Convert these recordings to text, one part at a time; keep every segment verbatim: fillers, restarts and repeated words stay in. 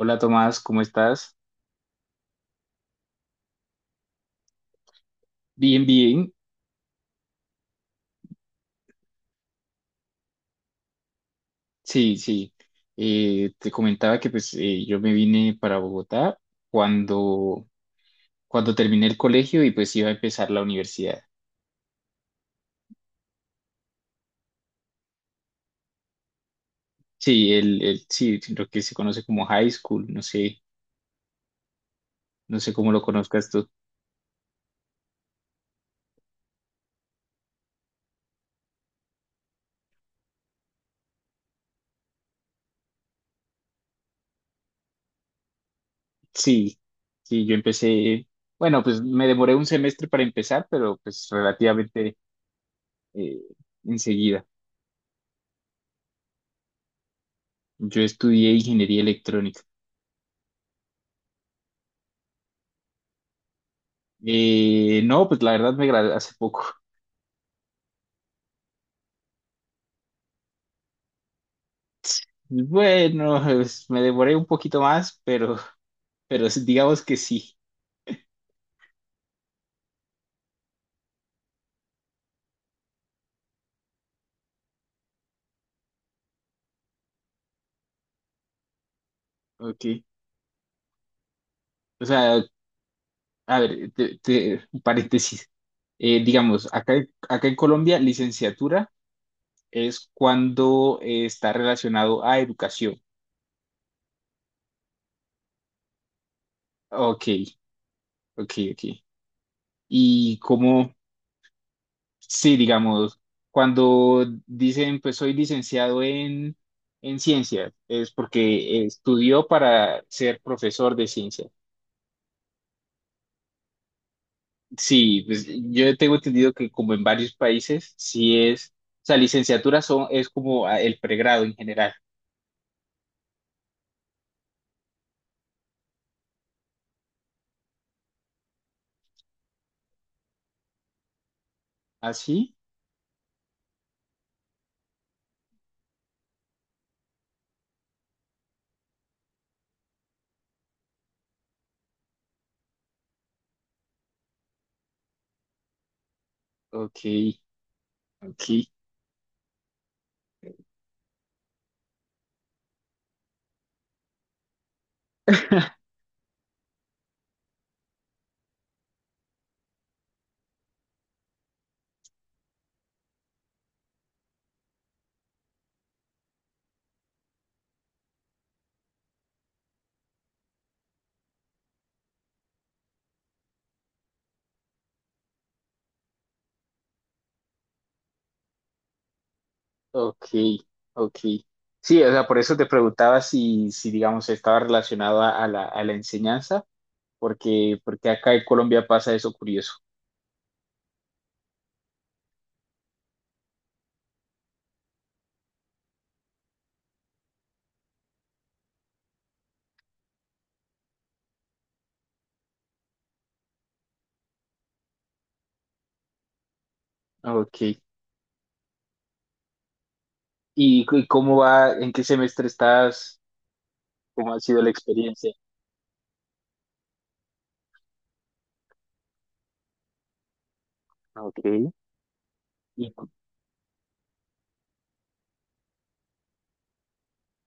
Hola Tomás, ¿cómo estás? Bien, bien. Sí, sí. Eh, te comentaba que pues eh, yo me vine para Bogotá cuando, cuando terminé el colegio y pues iba a empezar la universidad. Sí, el, el, sí, lo que se conoce como high school, no sé, no sé cómo lo conozcas tú. Sí, sí, yo empecé, bueno, pues me demoré un semestre para empezar, pero pues relativamente eh, enseguida. Yo estudié ingeniería electrónica. Eh, no, pues la verdad me gradué hace poco. Bueno, es- me devoré un poquito más, pero, pero s- digamos que sí. Ok. O sea, a ver, te, te- un paréntesis. Eh, digamos, acá, acá en Colombia, licenciatura es cuando eh, está relacionado a educación. Ok, ok, ok. Y como, sí, digamos, cuando dicen, pues soy licenciado en, en ciencias, es porque estudió para ser profesor de ciencias. Sí, pues yo tengo entendido que como en varios países, sí es, o sea, licenciatura son, es como ah, el pregrado en general. ¿Ah, sí? Ok, ok, ok, ok. Sí, o sea, por eso te preguntaba si, si digamos, estaba relacionado a, a la, a la enseñanza, porque, porque acá en Colombia pasa eso curioso. Ok. ¿Y, cu- y cómo va, en qué semestre estás? ¿Cómo ha sido la experiencia? Ok. ¿Y,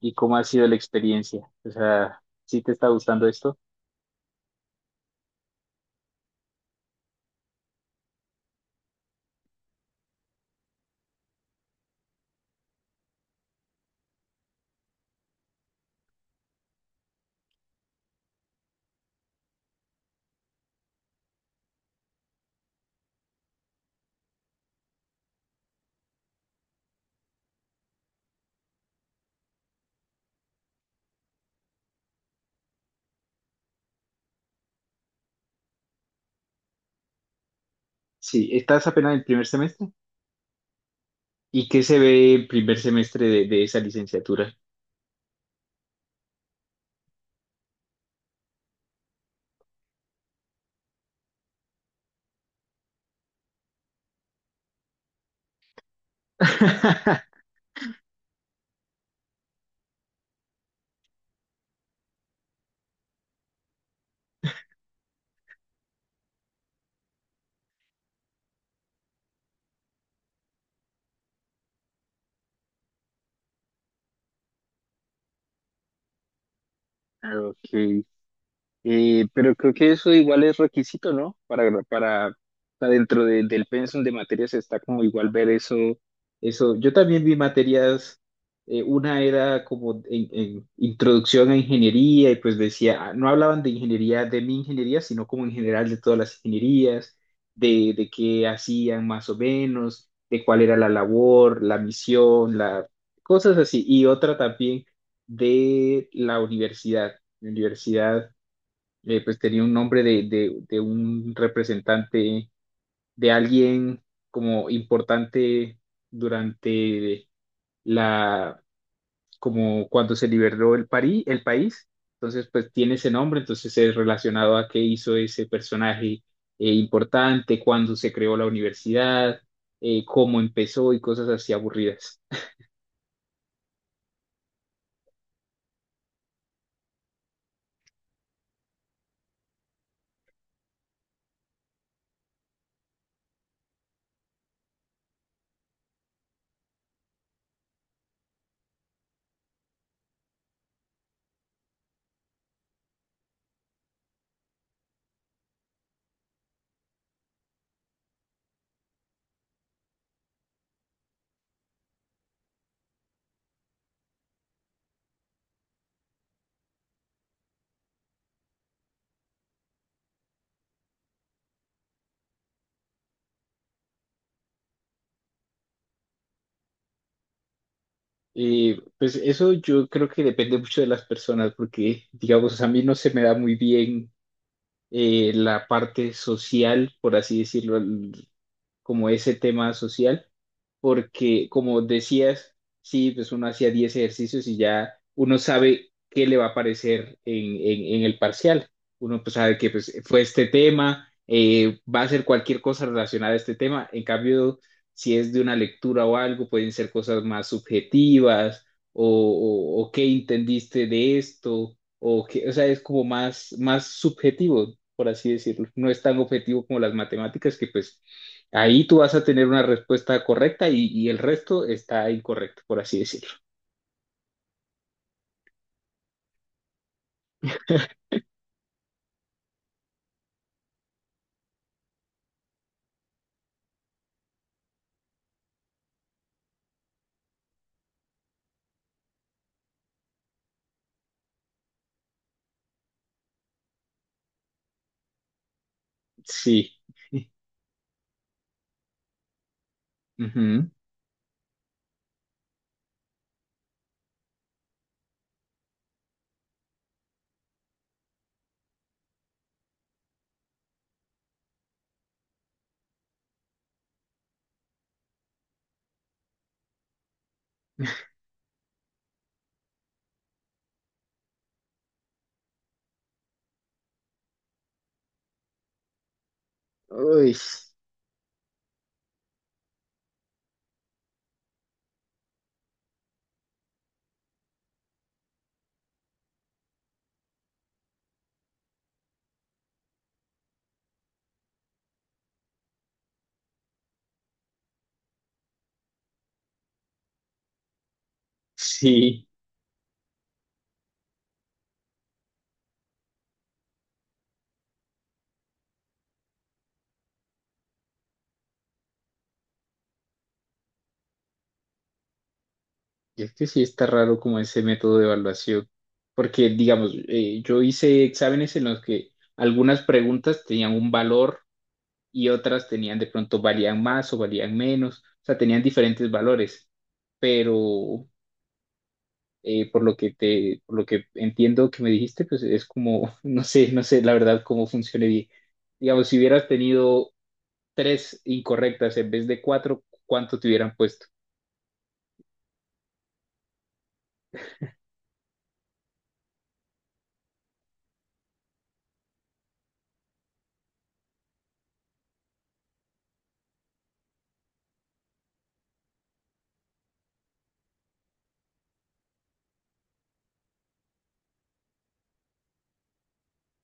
y cómo ha sido la experiencia? O sea, ¿sí te está gustando esto? Sí, estás apenas en el primer semestre. ¿Y qué se ve el primer semestre de, de esa licenciatura? Ok. Eh, pero creo que eso igual es requisito, ¿no? Para, para, o sea, dentro de- del pensum de materias está como igual ver eso, eso. Yo también vi materias, eh, una era como en, en introducción a ingeniería y pues decía, ah, no hablaban de ingeniería, de mi ingeniería, sino como en general de todas las ingenierías, de, de qué hacían más o menos, de cuál era la labor, la misión, la, cosas así. Y otra también de la universidad. La universidad eh, pues tenía un nombre de, de, de un representante, de alguien como importante durante la, como cuando se liberó el, París, el país, entonces pues tiene ese nombre, entonces es relacionado a qué hizo ese personaje eh, importante, cuándo se creó la universidad, eh, cómo empezó y cosas así aburridas. Eh, pues eso yo creo que depende mucho de las personas, porque digamos, a mí no se me da muy bien eh, la parte social, por así decirlo, el- como ese tema social porque como decías, sí, pues uno hacía diez ejercicios y ya uno sabe qué le va a aparecer en, en- en el parcial. Uno pues sabe que pues, fue este tema, eh, va a ser cualquier cosa relacionada a este tema. En cambio, si es de una lectura o algo, pueden ser cosas más subjetivas o, o- o qué entendiste de esto, o, qué, o sea, es como más, más subjetivo, por así decirlo. No es tan objetivo como las matemáticas que pues ahí tú vas a tener una respuesta correcta y, y el resto está incorrecto, por así decirlo. Sí. Ujú. Uy, sí. Es que sí está raro como ese método de evaluación. Porque, digamos, eh, yo hice exámenes en los que algunas preguntas tenían un valor y otras tenían de pronto valían más o valían menos. O sea, tenían diferentes valores. Pero eh, por lo que te, por lo que entiendo que me dijiste, pues es como, no sé, no sé la verdad cómo funciona bien. Digamos, si hubieras tenido tres incorrectas en vez de cuatro, ¿cuánto te hubieran puesto?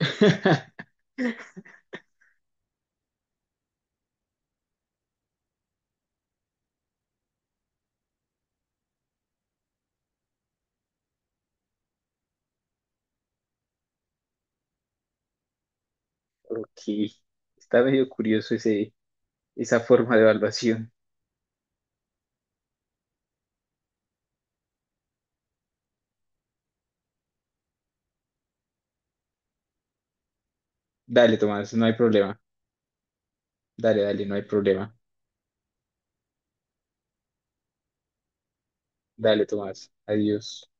Ok, está medio curioso ese, esa forma de evaluación. Dale, Tomás, no hay problema. Dale, dale, no hay problema. Dale, Tomás, adiós.